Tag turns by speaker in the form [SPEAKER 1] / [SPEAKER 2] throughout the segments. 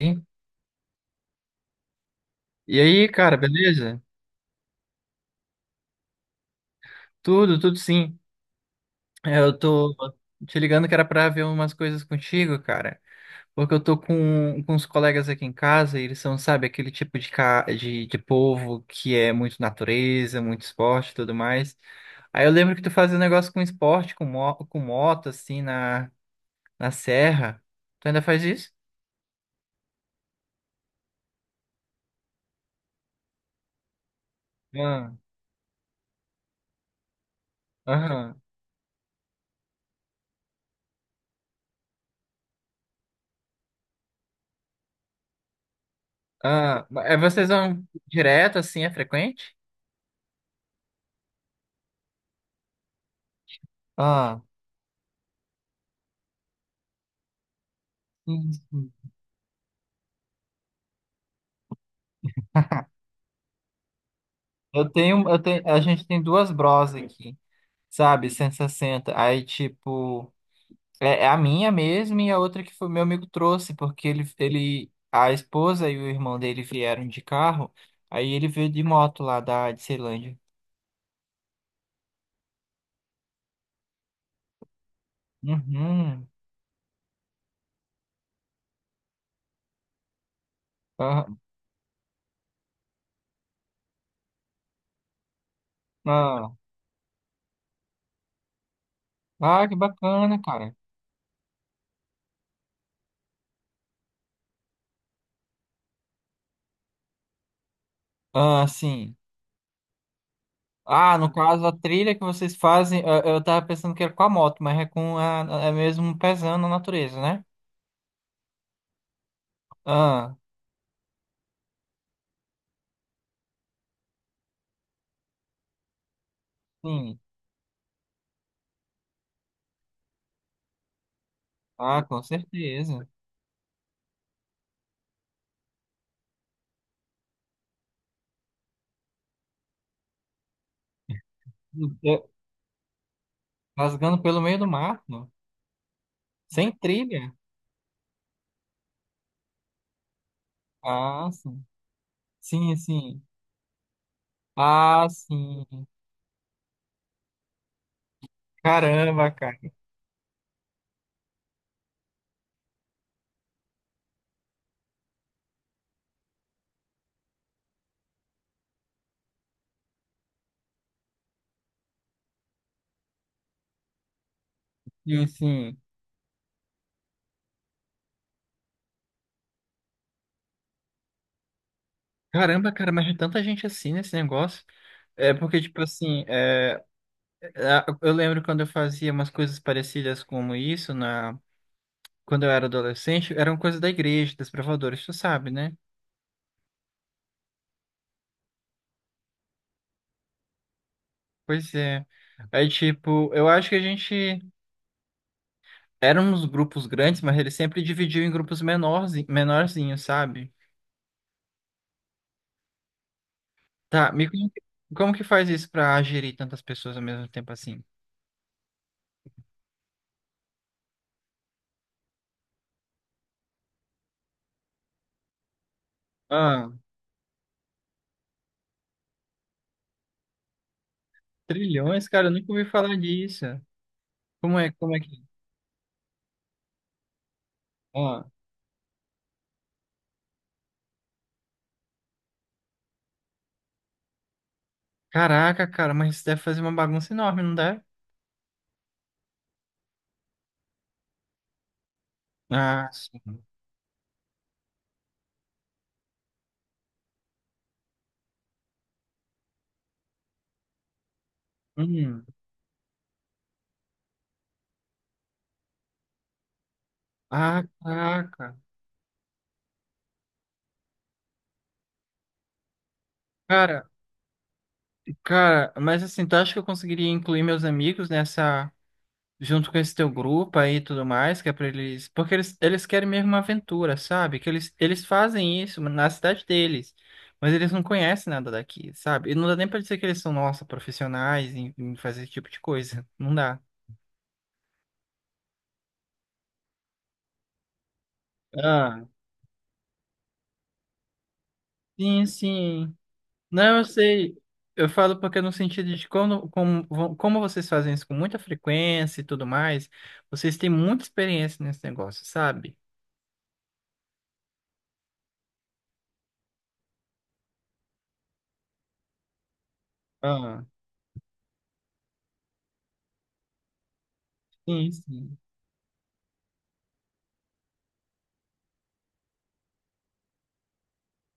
[SPEAKER 1] Sim. E aí, cara, beleza? Tudo, tudo sim. Eu tô te ligando que era pra ver umas coisas contigo, cara. Porque eu tô com uns colegas aqui em casa e eles são, sabe, aquele tipo de povo que é muito natureza, muito esporte e tudo mais. Aí eu lembro que tu fazia um negócio com esporte, com moto, assim, na, na serra. Tu ainda faz isso? Ah, aham. Ah, mas, é, vocês vão direto, assim, é frequente? Ah, sim. Eu tenho, a gente tem duas bros aqui, sabe? 160. Aí, tipo, é, é a minha mesmo e a outra que foi meu amigo trouxe, porque ele, a esposa e o irmão dele vieram de carro, aí ele veio de moto lá da de Ceilândia. Uhum. Ah, ah, ah, que bacana, cara. Ah, sim. Ah, no caso, a trilha que vocês fazem, eu tava pensando que era com a moto, mas é com a, é mesmo pesando a natureza, né? Ah, sim. Ah, com certeza. É, rasgando pelo meio do mato, sem trilha. Ah, sim. Sim, sim. Ah, sim. Caramba, cara. Sim, sim. Caramba, cara, mas tem tanta gente assim nesse negócio. É porque, tipo assim, a- eu lembro quando eu fazia umas coisas parecidas como isso, na, quando eu era adolescente, eram coisas da igreja, das provadores, tu sabe, né? Pois é. Aí, tipo, eu acho que a gente. Eram uns grupos grandes, mas eles sempre dividiam em grupos menores, menorzinhos, sabe? Tá, me conta, como que faz isso pra gerir tantas pessoas ao mesmo tempo assim? Ah, trilhões, cara, eu nunca ouvi falar disso. Como é que... Ah, caraca, cara, mas isso deve fazer uma bagunça enorme, não deve? Ah, sim. Hum. Ah, caraca. Cara, cara, mas assim, tu acha que eu conseguiria incluir meus amigos nessa junto com esse teu grupo aí e tudo mais, que é pra eles. Porque eles querem mesmo uma aventura, sabe? Que eles fazem isso na cidade deles, mas eles não conhecem nada daqui, sabe? E não dá nem pra dizer que eles são, nossa, profissionais em, em fazer esse tipo de coisa. Não dá. Ah, sim, sim. Não, eu sei. Eu falo porque no sentido de vo- como vocês fazem isso com muita frequência e tudo mais, vocês têm muita experiência nesse negócio, sabe? Ah, sim, sim.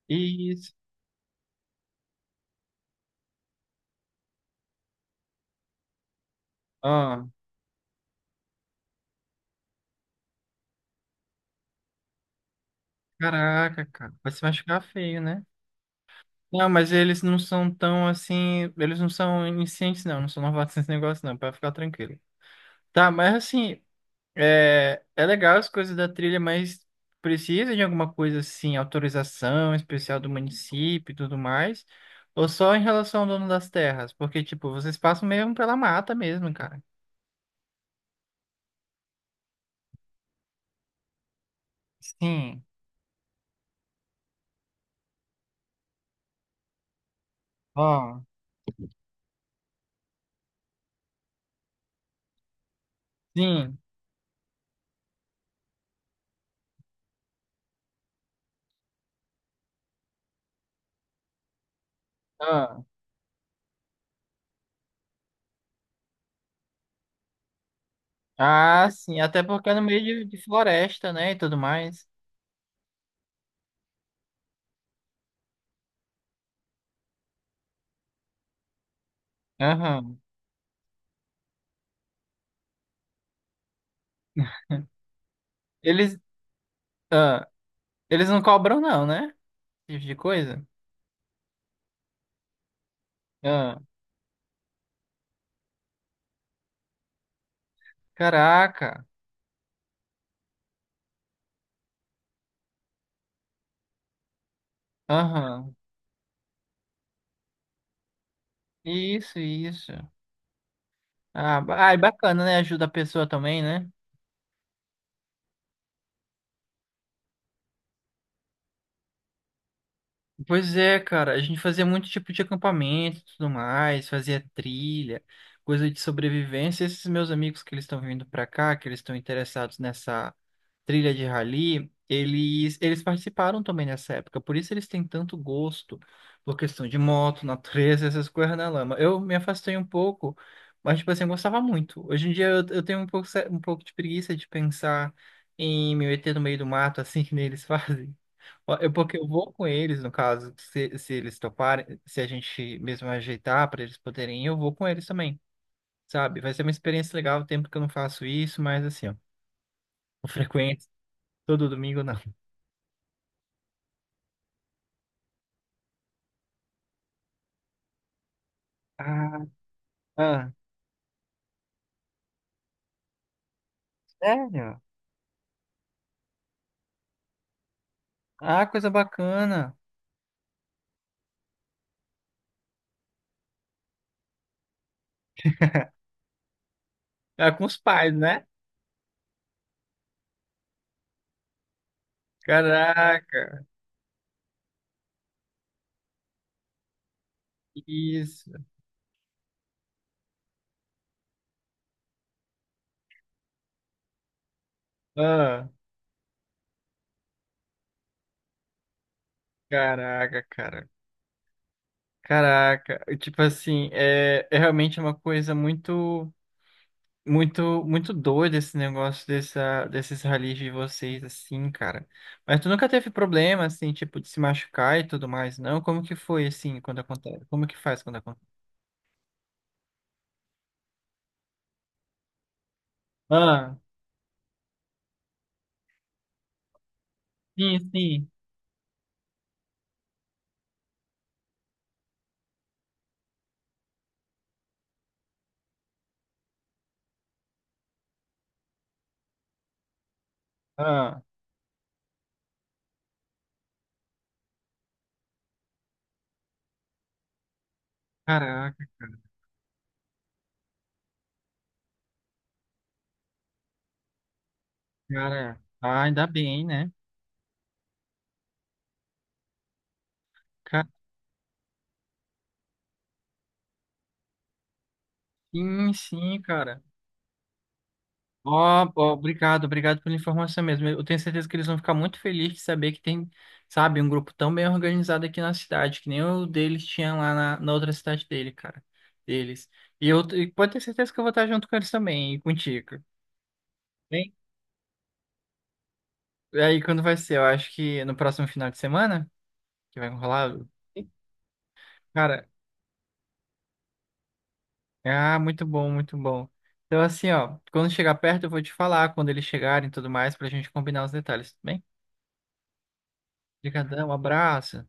[SPEAKER 1] Isso. Ah. Caraca, cara, vai se machucar feio, né? Não, mas eles não são tão assim. Eles não são iniciantes, não. Não são novatos nesse negócio, não. Pra ficar tranquilo. Tá, mas assim. É, é legal as coisas da trilha, mas precisa de alguma coisa assim, autorização especial do município e tudo mais? Ou só em relação ao dono das terras? Porque, tipo, vocês passam mesmo pela mata mesmo, cara. Sim, ó, sim, ah. Ah, sim. Até porque é no meio de floresta, né? E tudo mais. Aham. Eles, ah, eles não cobram não, né? Esse tipo de coisa. Ah, caraca. Aham. Isso, isso. Ah, ba- ai, bacana, né? Ajuda a pessoa também, né? Pois é, cara. A gente fazia muito tipo de acampamento e tudo mais, fazia trilha, coisa de sobrevivência. Esses meus amigos que eles estão vindo pra cá, que eles estão interessados nessa trilha de rally, eles participaram também nessa época, por isso eles têm tanto gosto por questão de moto, natureza, essas coisas na lama. Eu me afastei um pouco, mas, tipo assim, eu gostava muito. Hoje em dia eu tenho um pouco, se- um pouco de preguiça de pensar em me meter no meio do mato, assim que nem eles fazem. Ó, eu, porque eu vou com eles, no caso, se eles toparem, se a gente mesmo ajeitar para eles poderem ir, eu vou com eles também, sabe? Vai ser uma experiência legal, o tempo que eu não faço isso, mas assim, ó, com frequência, todo domingo não. Ah, ah, sério? Ah, coisa bacana. Ah, com os pais, né? Caraca, isso. Ah, caraca, cara. Caraca. E, tipo assim, é, é realmente uma coisa muito, muito, muito doida esse negócio dessa, desses ralis de vocês, assim, cara. Mas tu nunca teve problema, assim, tipo, de se machucar e tudo mais, não? Como que foi, assim, quando acontece? Como que faz quando acontece? Ah, sim, sim. Ah, caraca. Cara, ah, ainda bem, né? Ca- sim, sim, cara. Ó, ó, obrigado, obrigado pela informação mesmo. Eu tenho certeza que eles vão ficar muito felizes de saber que tem, sabe, um grupo tão bem organizado aqui na cidade, que nem o deles tinha lá na, na outra cidade dele, cara. Deles. E eu e pode ter certeza que eu vou estar junto com eles também, e contigo. Bem, aí quando vai ser? Eu acho que no próximo final de semana, que vai rolar. Cara, ah, muito bom, muito bom. Então, assim, ó, quando chegar perto, eu vou te falar quando eles chegarem e tudo mais, pra gente combinar os detalhes, tudo bem? Obrigadão, um abraço.